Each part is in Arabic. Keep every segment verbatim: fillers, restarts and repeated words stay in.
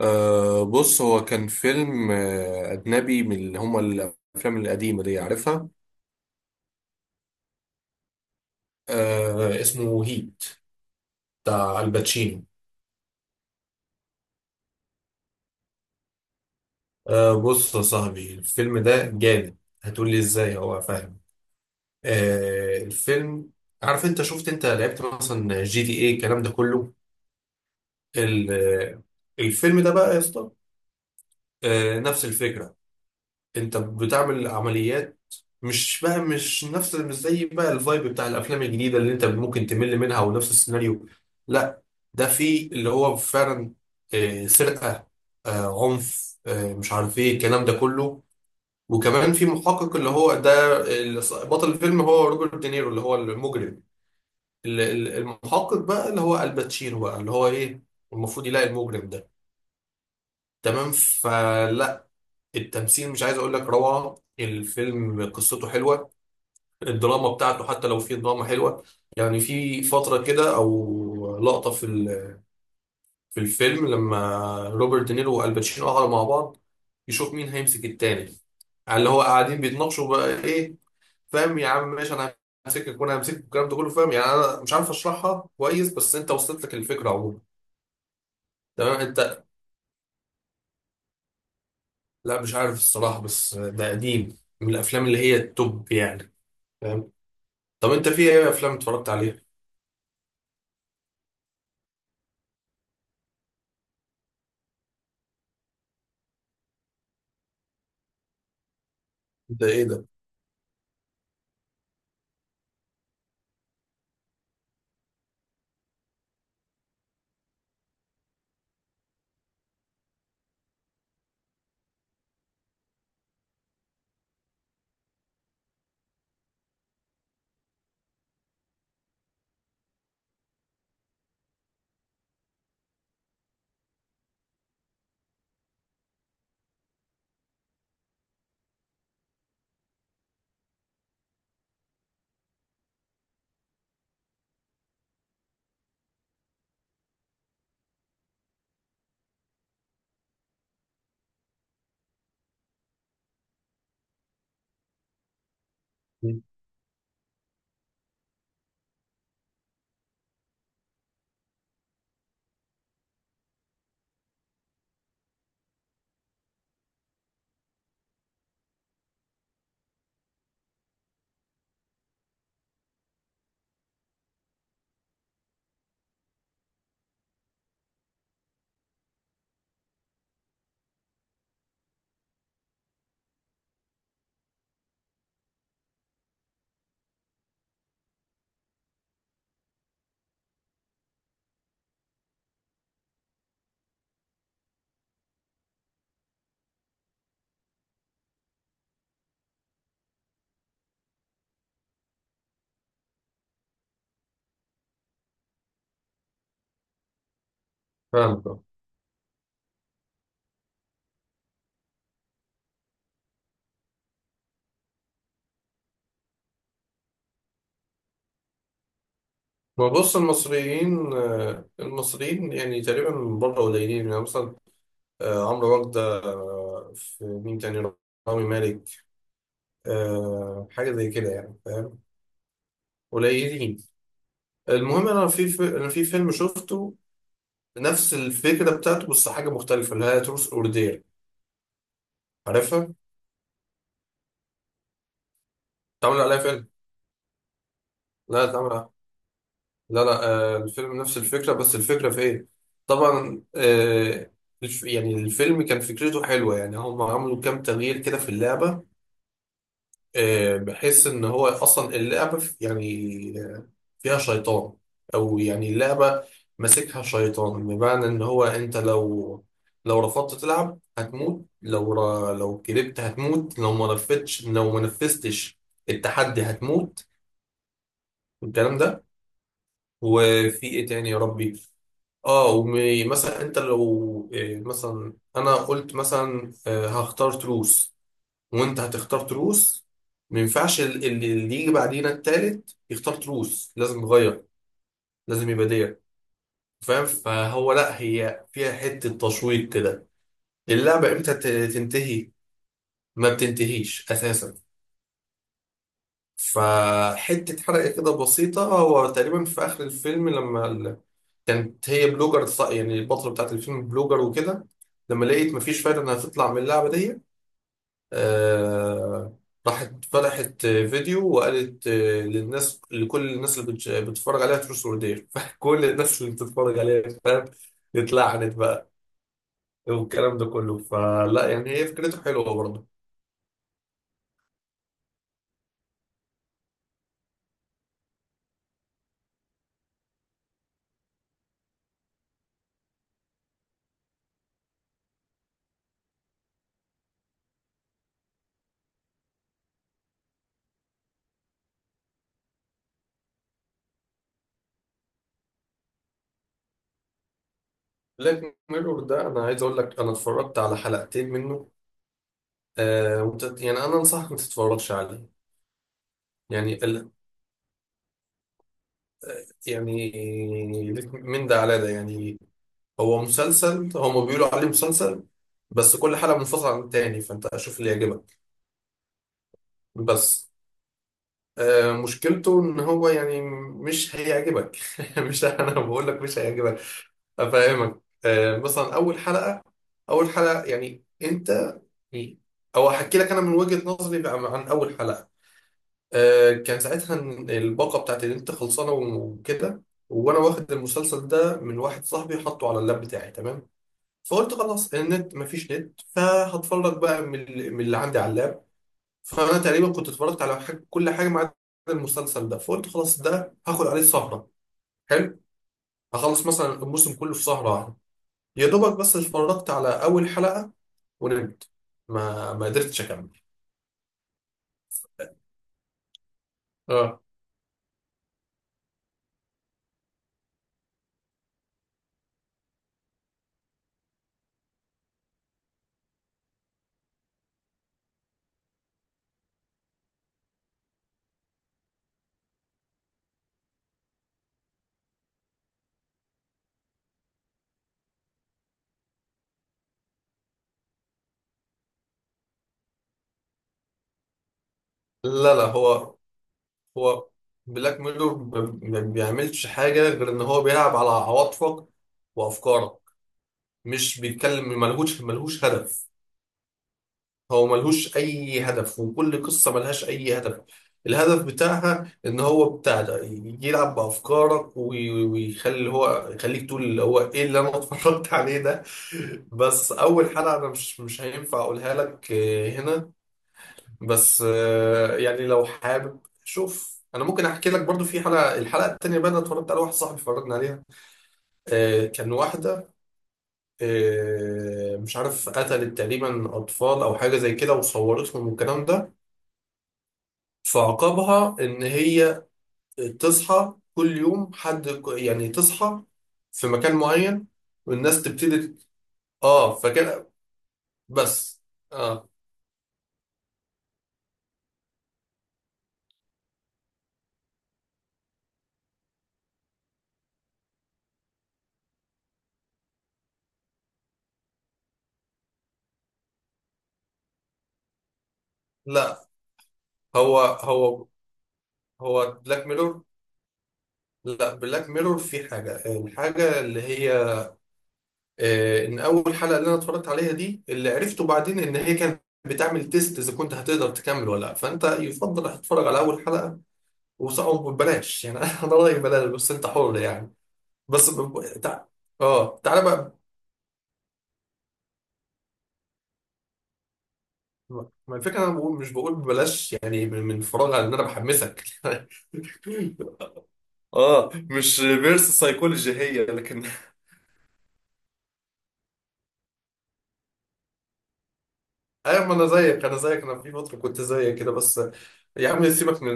أه بص هو كان فيلم آه، أجنبي من اللي هما الأفلام القديمة دي عارفها. أه اسمه هيت، بتاع الباتشينو. أه بص يا صاحبي الفيلم ده جامد. هتقولي ازاي هو فاهم؟ أه الفيلم، عارف انت شفت، انت لعبت مثلا جي تي ايه الكلام ده كله. ال- آه، الفيلم ده بقى يا اسطى، أه نفس الفكرة، انت بتعمل عمليات. مش بقى مش نفس مش زي بقى الفايب بتاع الافلام الجديده اللي انت ممكن تمل منها ونفس السيناريو، لا. ده في اللي هو فعلا آه، سرقه، آه، عنف، آه، مش عارف ايه الكلام ده كله. وكمان في محقق اللي هو ده اللي ص- بطل الفيلم هو روبرت دينيرو اللي هو المجرم. ال- ال- المحقق بقى اللي هو الباتشينو بقى اللي هو ايه، المفروض يلاقي المجرم ده. تمام فلا، التمثيل مش عايز اقول لك روعه، الفيلم قصته حلوه، الدراما بتاعته حتى لو في دراما حلوة. يعني في فترة كده أو لقطة في ال- في الفيلم لما روبرت دينيرو والباتشينو قعدوا مع بعض يشوف مين هيمسك التاني، على اللي هو قاعدين بيتناقشوا بقى إيه. فاهم يا عم، ماشي أنا همسكك وأنا همسكك والكلام ده كله، فاهم؟ يعني أنا مش عارف أشرحها كويس بس أنت وصلت لك الفكرة عموما. تمام أنت. لا مش عارف الصراحة، بس ده قديم من الأفلام اللي هي التوب يعني، فاهم؟ طب أنت في إيه أفلام اتفرجت عليها؟ ده إيه ده؟ فاهم. ما بص المصريين، آه، المصريين يعني تقريبا من بره قليلين، يعني مثلا آه، عمرو وردة، آه، في مين تاني، رامي مالك، آه، حاجة زي كده يعني، فاهم، قليلين. المهم أنا في في- أنا في فيلم شفته نفس الفكرة بتاعته بس حاجة مختلفة، اللي هي تروس أوردير، عارفها؟ اتعمل عليها فيلم؟ لا اتعمل، لا لا، آه، الفيلم نفس الفكرة، بس الفكرة في إيه؟ طبعا آه، الف- يعني الفيلم كان فكرته حلوة، يعني هم عملوا كام تغيير كده في اللعبة، آه، بحيث ان هو اصلا اللعبه ف- يعني آه، فيها شيطان، او يعني اللعبه ماسكها شيطان، بمعنى ان هو انت لو، لو رفضت تلعب هتموت، لو ر... لو كذبت هتموت، لو ما نفذتش لو ما نفذتش التحدي هتموت، والكلام ده. وفي ايه تاني يا ربي؟ اه، ومثلا انت لو آه، مثلا انا قلت مثلا آه، هختار تروس، وانت هتختار تروس، ما ينفعش ال- ال- اللي يجي بعدينا التالت يختار تروس، لازم نغير، لازم يبقى ديت. فاهم؟ فهو لا هي فيها حتة تشويق كده، اللعبة امتى ت- تنتهي؟ ما بتنتهيش اساسا. فحتة حرقة كده بسيطة، هو تقريبا في اخر الفيلم لما ال- كانت هي بلوجر، ص- يعني البطلة بتاعت الفيلم بلوجر وكده، لما لقيت مفيش فايدة انها تطلع من اللعبة دي، آه، راحت فتحت فيديو وقالت آه، للناس، لكل الناس اللي بتش- بتتفرج عليها تروس ورديه فكل الناس اللي بتتفرج عليها، فاهم، اتلعنت بقى والكلام ده كله. فلا يعني هي فكرته حلوه برضه. بلاك ميرور ده انا عايز اقول لك انا اتفرجت على حلقتين منه. آه وت- يعني انا انصحك ما تتفرجش عليه. يعني ال- يعني ليك من ده على ده يعني. هو مسلسل، هما بيقولوا عليه مسلسل بس كل حلقه منفصله عن التاني، فانت شوف اللي يعجبك. بس آه، مشكلته ان هو يعني مش هيعجبك مش انا بقول لك مش هيعجبك، افهمك، آه، مثلا اول حلقة، اول حلقة يعني انت، او هحكي لك انا من وجهة نظري بقى عن اول حلقة. آه، كان ساعتها الباقة بتاعت النت خلصانة وكده، وانا واخد المسلسل ده من واحد صاحبي حطه على اللاب بتاعي، تمام. فقلت خلاص النت مفيش نت، فهتفرج بقى من من اللي عندي على اللاب. فانا تقريبا كنت اتفرجت على حاجة كل حاجه ما عدا المسلسل ده، فقلت خلاص ده هاخد عليه سهره حلو، هخلص مثلا الموسم كله في سهره واحده. يا دوبك بس اتفرجت على اول حلقه ونمت، ما ما قدرتش اكمل. اه. لا لا، هو هو بلاك ميرور ب- ما بيعملش حاجه غير ان هو بيلعب على عواطفك وافكارك، مش بيتكلم، ملهوش ملهوش هدف. هو ملهوش اي هدف، وكل قصه ملهاش اي هدف. الهدف بتاعها ان هو بتاع ده يلعب بافكارك وي- ويخلي هو يخليك تقول اللي هو ايه اللي انا اتفرجت عليه ده. بس اول حلقه انا مش مش هينفع اقولها لك آه، هنا. بس آه، يعني لو حابب شوف انا ممكن احكي لك برضو في حلقه، الحلقه التانيه بقى انا اتفرجت على واحد صاحبي اتفرجنا عليها. آه، كان واحده آه، مش عارف قتلت تقريبا اطفال او حاجه زي كده وصورتهم والكلام ده. فعقابها ان هي تصحى كل يوم حد ك- يعني تصحى في مكان معين والناس تبتدي. اه فكان، بس اه. لا، هو هو هو بلاك ميرور، لا بلاك ميرور في حاجة، الحاجة اللي هي آه ان اول حلقة اللي انا اتفرجت عليها دي اللي عرفته بعدين ان هي كانت بتعمل تيست اذا كنت هتقدر تكمل ولا لا، فانت يفضل هتتفرج على اول حلقة وصعب. ببلاش يعني انا رأيي بلاش، بس انت حر يعني. بس ب... ب- تع... اه تعالى بقى. ما الفكره انا بقول، مش بقول ببلاش يعني من من فراغ، ان انا بحمسك اه مش ريفيرس سايكولوجي هي لكن ايوه، ما انا زيك انا زيك، انا في فتره كنت زيك كده بس. يا عم سيبك من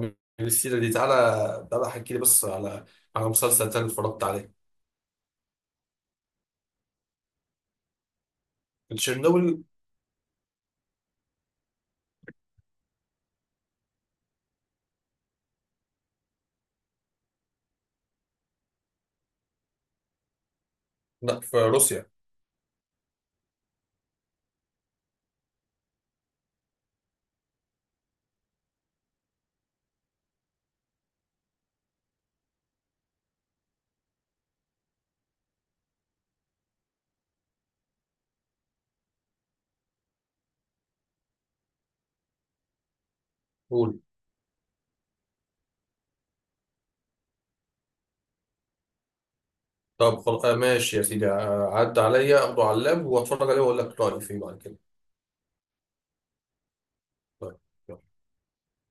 من السيره دي، تعالى تعالى احكي لي بس على على مسلسل تاني اتفرجت عليه. تشيرنوبل. لا في روسيا. قول. طب خلاص آه، ماشي يا سيدي، آه، عدى عليا اخده على اللاب واتفرج عليه واقول لك رايي فيه بعد كده. طيب.